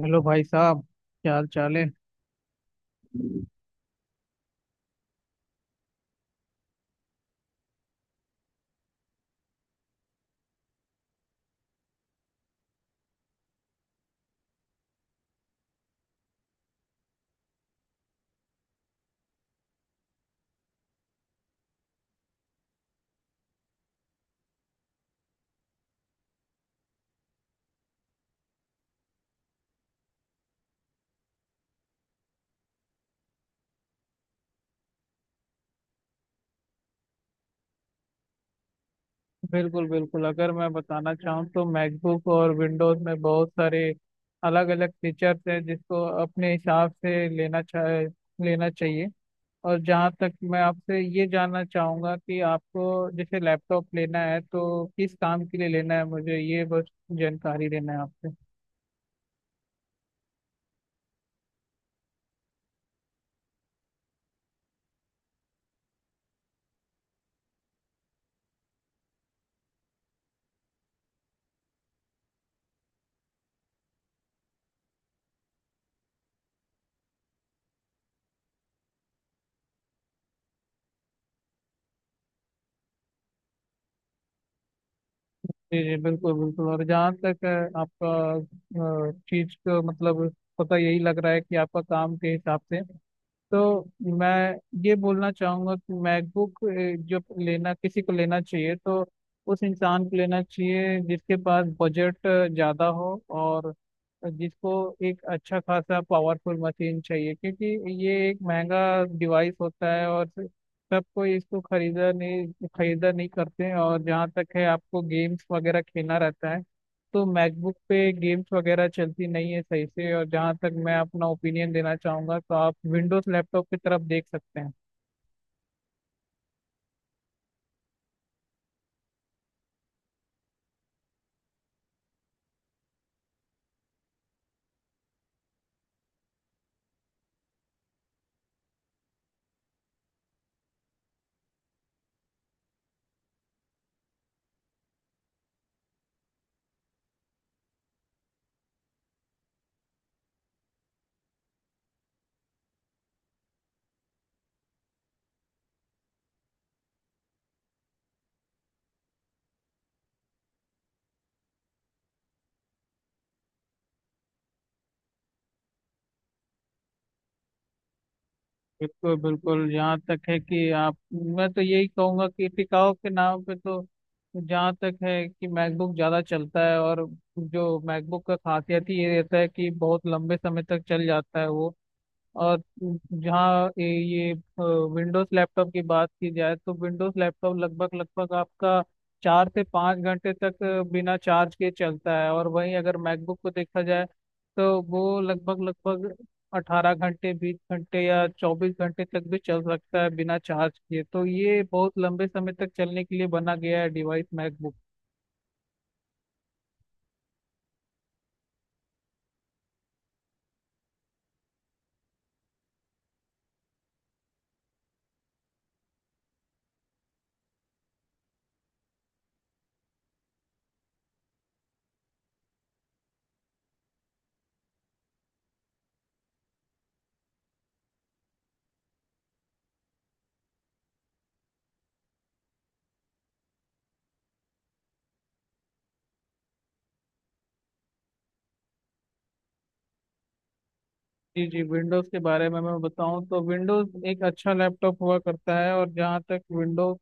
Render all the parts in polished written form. Hello भाई साहब, क्या हाल चाल है। बिल्कुल बिल्कुल, अगर मैं बताना चाहूँ तो मैकबुक और विंडोज में बहुत सारे अलग अलग फीचर्स हैं जिसको अपने हिसाब से लेना चाहिए। और जहाँ तक मैं आपसे ये जानना चाहूँगा कि आपको जैसे लैपटॉप लेना है तो किस काम के लिए लेना है, मुझे ये बस जानकारी लेना है आपसे। जी जी बिल्कुल बिल्कुल। और जहाँ तक आपका चीज को मतलब पता यही लग रहा है कि आपका काम के हिसाब से तो मैं ये बोलना चाहूंगा कि मैकबुक जो लेना किसी को लेना चाहिए तो उस इंसान को लेना चाहिए जिसके पास बजट ज़्यादा हो और जिसको एक अच्छा खासा पावरफुल मशीन चाहिए, क्योंकि ये एक महंगा डिवाइस होता है और सब कोई इसको खरीदा नहीं करते हैं। और जहाँ तक है आपको गेम्स वगैरह खेलना रहता है, तो मैकबुक पे गेम्स वगैरह चलती नहीं है सही से, और जहाँ तक मैं अपना ओपिनियन देना चाहूंगा तो आप विंडोज लैपटॉप की तरफ देख सकते हैं। बिल्कुल बिल्कुल, यहाँ तक है कि आप, मैं तो यही कहूंगा कि टिकाऊ के नाम पे तो जहाँ तक है कि मैकबुक ज़्यादा चलता है, और जो मैकबुक का खासियत ही ये रहता है कि बहुत लंबे समय तक चल जाता है वो। और जहाँ ये विंडोज लैपटॉप की बात की जाए तो विंडोज लैपटॉप लगभग लगभग आपका 4 से 5 घंटे तक बिना चार्ज के चलता है, और वहीं अगर मैकबुक को देखा जाए तो वो लगभग लगभग 18 घंटे, 20 घंटे या 24 घंटे तक भी चल सकता है बिना चार्ज किए। तो ये बहुत लंबे समय तक चलने के लिए बना गया है डिवाइस मैकबुक। जी जी, विंडोज के बारे में मैं बताऊं तो विंडोज एक अच्छा लैपटॉप हुआ करता है। और जहाँ तक विंडोज,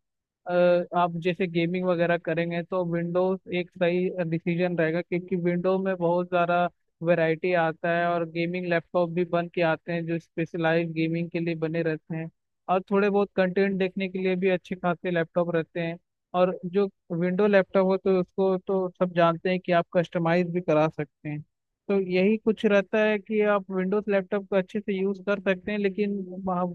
आप जैसे गेमिंग वगैरह करेंगे तो विंडोज एक सही डिसीजन रहेगा, क्योंकि विंडो में बहुत ज़्यादा वैरायटी आता है और गेमिंग लैपटॉप भी बन के आते हैं जो स्पेशलाइज गेमिंग के लिए बने रहते हैं, और थोड़े बहुत कंटेंट देखने के लिए भी अच्छे खासे लैपटॉप रहते हैं। और जो विंडो लैपटॉप हो तो उसको तो सब जानते हैं कि आप कस्टमाइज भी करा सकते हैं। तो यही कुछ रहता है कि आप विंडोज लैपटॉप को अच्छे से यूज़ कर सकते हैं, लेकिन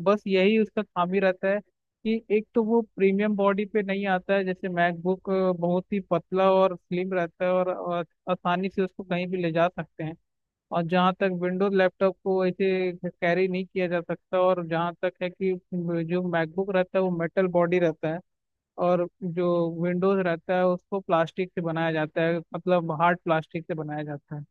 बस यही उसका खामी रहता है कि एक तो वो प्रीमियम बॉडी पे नहीं आता है। जैसे मैकबुक बहुत ही पतला और स्लिम रहता है, और आसानी से उसको कहीं भी ले जा सकते हैं, और जहाँ तक विंडोज लैपटॉप को ऐसे कैरी नहीं किया जा सकता। और जहाँ तक है कि जो मैकबुक रहता है वो मेटल बॉडी रहता है, और जो विंडोज रहता है उसको प्लास्टिक से बनाया जाता है, मतलब हार्ड प्लास्टिक से बनाया जाता है।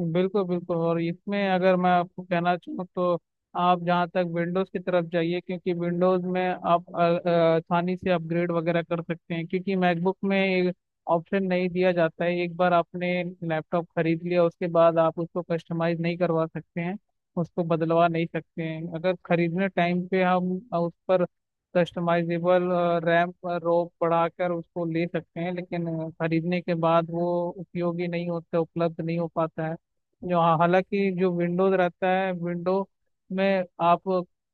बिल्कुल बिल्कुल, और इसमें अगर मैं आपको कहना चाहूँ तो आप जहाँ तक विंडोज़ की तरफ जाइए, क्योंकि विंडोज़ में आप आसानी से अपग्रेड वगैरह कर सकते हैं, क्योंकि मैकबुक में ऑप्शन नहीं दिया जाता है। एक बार आपने लैपटॉप खरीद लिया उसके बाद आप उसको कस्टमाइज नहीं करवा सकते हैं, उसको बदलवा नहीं सकते हैं। अगर खरीदने टाइम पे हम उस पर कस्टमाइजेबल रैम, रोम बढ़ाकर उसको ले सकते हैं, लेकिन खरीदने के बाद वो उपयोगी नहीं होता, उपलब्ध नहीं हो पाता है। जो हाँ, हालांकि जो विंडोज रहता है, विंडो में आप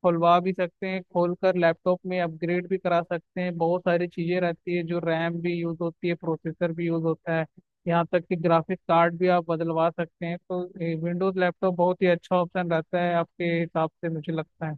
खुलवा भी सकते हैं, खोलकर लैपटॉप में अपग्रेड भी करा सकते हैं। बहुत सारी चीजें रहती है जो रैम भी यूज होती है, प्रोसेसर भी यूज होता है, यहाँ तक कि ग्राफिक कार्ड भी आप बदलवा सकते हैं। तो विंडोज लैपटॉप बहुत ही अच्छा ऑप्शन रहता है आपके हिसाब से, मुझे लगता है।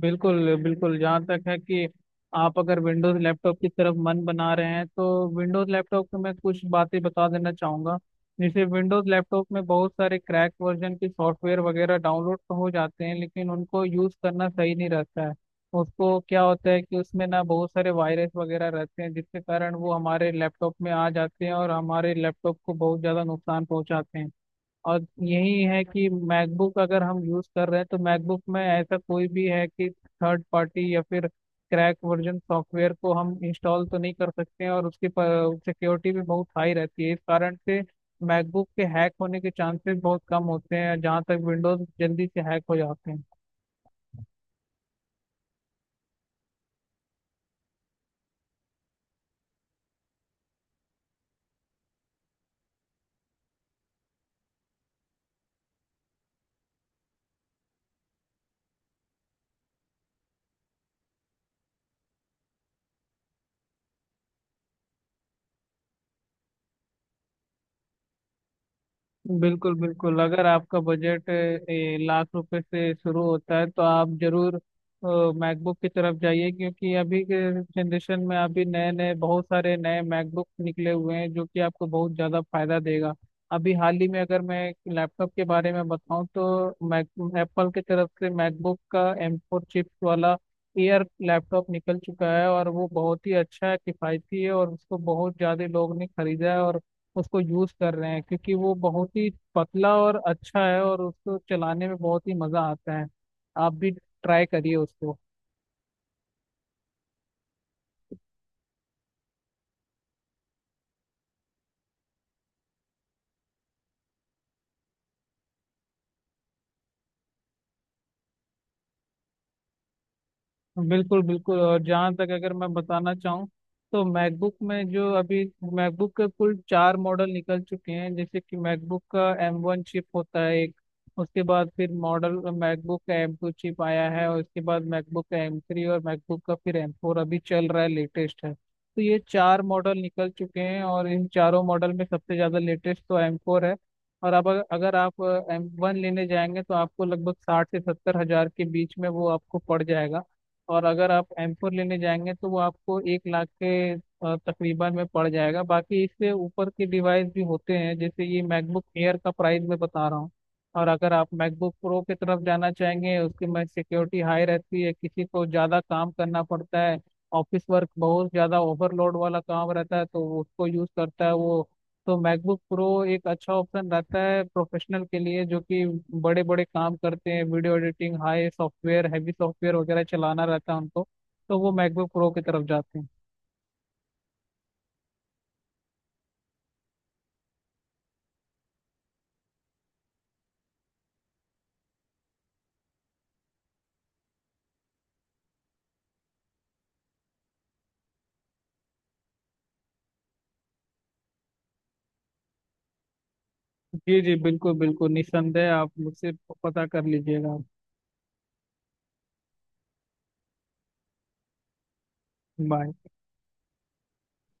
बिल्कुल बिल्कुल, जहाँ तक है कि आप अगर विंडोज लैपटॉप की तरफ मन बना रहे हैं तो विंडोज लैपटॉप को मैं कुछ बातें बता देना चाहूँगा। जैसे विंडोज लैपटॉप में बहुत सारे क्रैक वर्जन के सॉफ्टवेयर वगैरह डाउनलोड तो हो जाते हैं, लेकिन उनको यूज़ करना सही नहीं रहता है। उसको क्या होता है कि उसमें ना बहुत सारे वायरस वगैरह रहते हैं, जिसके कारण वो हमारे लैपटॉप में आ जाते हैं और हमारे लैपटॉप को बहुत ज़्यादा नुकसान पहुंचाते हैं। और यही है कि मैकबुक अगर हम यूज कर रहे हैं तो मैकबुक में ऐसा कोई भी है कि थर्ड पार्टी या फिर क्रैक वर्जन सॉफ्टवेयर को हम इंस्टॉल तो नहीं कर सकते हैं, और उसकी सिक्योरिटी भी बहुत हाई रहती है। इस कारण से मैकबुक के हैक होने के चांसेस बहुत कम होते हैं, जहाँ तक विंडोज जल्दी से हैक हो जाते हैं। बिल्कुल बिल्कुल, अगर आपका बजट लाख रुपए से शुरू होता है तो आप जरूर मैकबुक की तरफ जाइए, क्योंकि अभी के जनरेशन में अभी नए नए बहुत सारे नए मैकबुक निकले हुए हैं जो कि आपको बहुत ज़्यादा फायदा देगा। अभी हाल ही में अगर मैं लैपटॉप के बारे में बताऊं तो मैक एप्पल की तरफ से मैकबुक का M4 चिप्स वाला एयर लैपटॉप निकल चुका है, और वो बहुत ही अच्छा है, किफ़ायती है, और उसको बहुत ज़्यादा लोग ने खरीदा है और उसको यूज कर रहे हैं, क्योंकि वो बहुत ही पतला और अच्छा है और उसको चलाने में बहुत ही मजा आता है। आप भी ट्राई करिए उसको। बिल्कुल बिल्कुल, और जहाँ तक अगर मैं बताना चाहूँ तो मैकबुक में जो अभी मैकबुक के कुल चार मॉडल निकल चुके हैं। जैसे कि मैकबुक का M1 चिप होता है एक, उसके बाद फिर मॉडल मैकबुक का M2 चिप आया है, और उसके बाद मैकबुक का M3, और मैकबुक का फिर M4 अभी चल रहा है, लेटेस्ट है। तो ये चार मॉडल निकल चुके हैं और इन चारों मॉडल में सबसे ज़्यादा लेटेस्ट तो M4 है। और अब अगर अगर आप M1 लेने जाएंगे तो आपको लगभग 60 से 70 हज़ार के बीच में वो आपको पड़ जाएगा, और अगर आप M4 लेने जाएंगे तो वो आपको 1 लाख के तकरीबन में पड़ जाएगा। बाकी इससे ऊपर के डिवाइस भी होते हैं, जैसे ये मैकबुक एयर का प्राइस मैं बता रहा हूँ। और अगर आप मैकबुक प्रो की तरफ जाना चाहेंगे, उसकी में सिक्योरिटी हाई रहती है, किसी को ज़्यादा काम करना पड़ता है, ऑफिस वर्क बहुत ज़्यादा ओवरलोड वाला काम रहता है तो उसको यूज़ करता है वो। तो मैकबुक प्रो एक अच्छा ऑप्शन रहता है प्रोफेशनल के लिए, जो कि बड़े बड़े काम करते हैं, video editing, high software, heavy software वगैरह चलाना रहता है उनको, तो वो मैकबुक प्रो की तरफ जाते हैं। जी जी बिल्कुल बिल्कुल, निस्संदेह आप मुझसे पता कर लीजिएगा। बाय।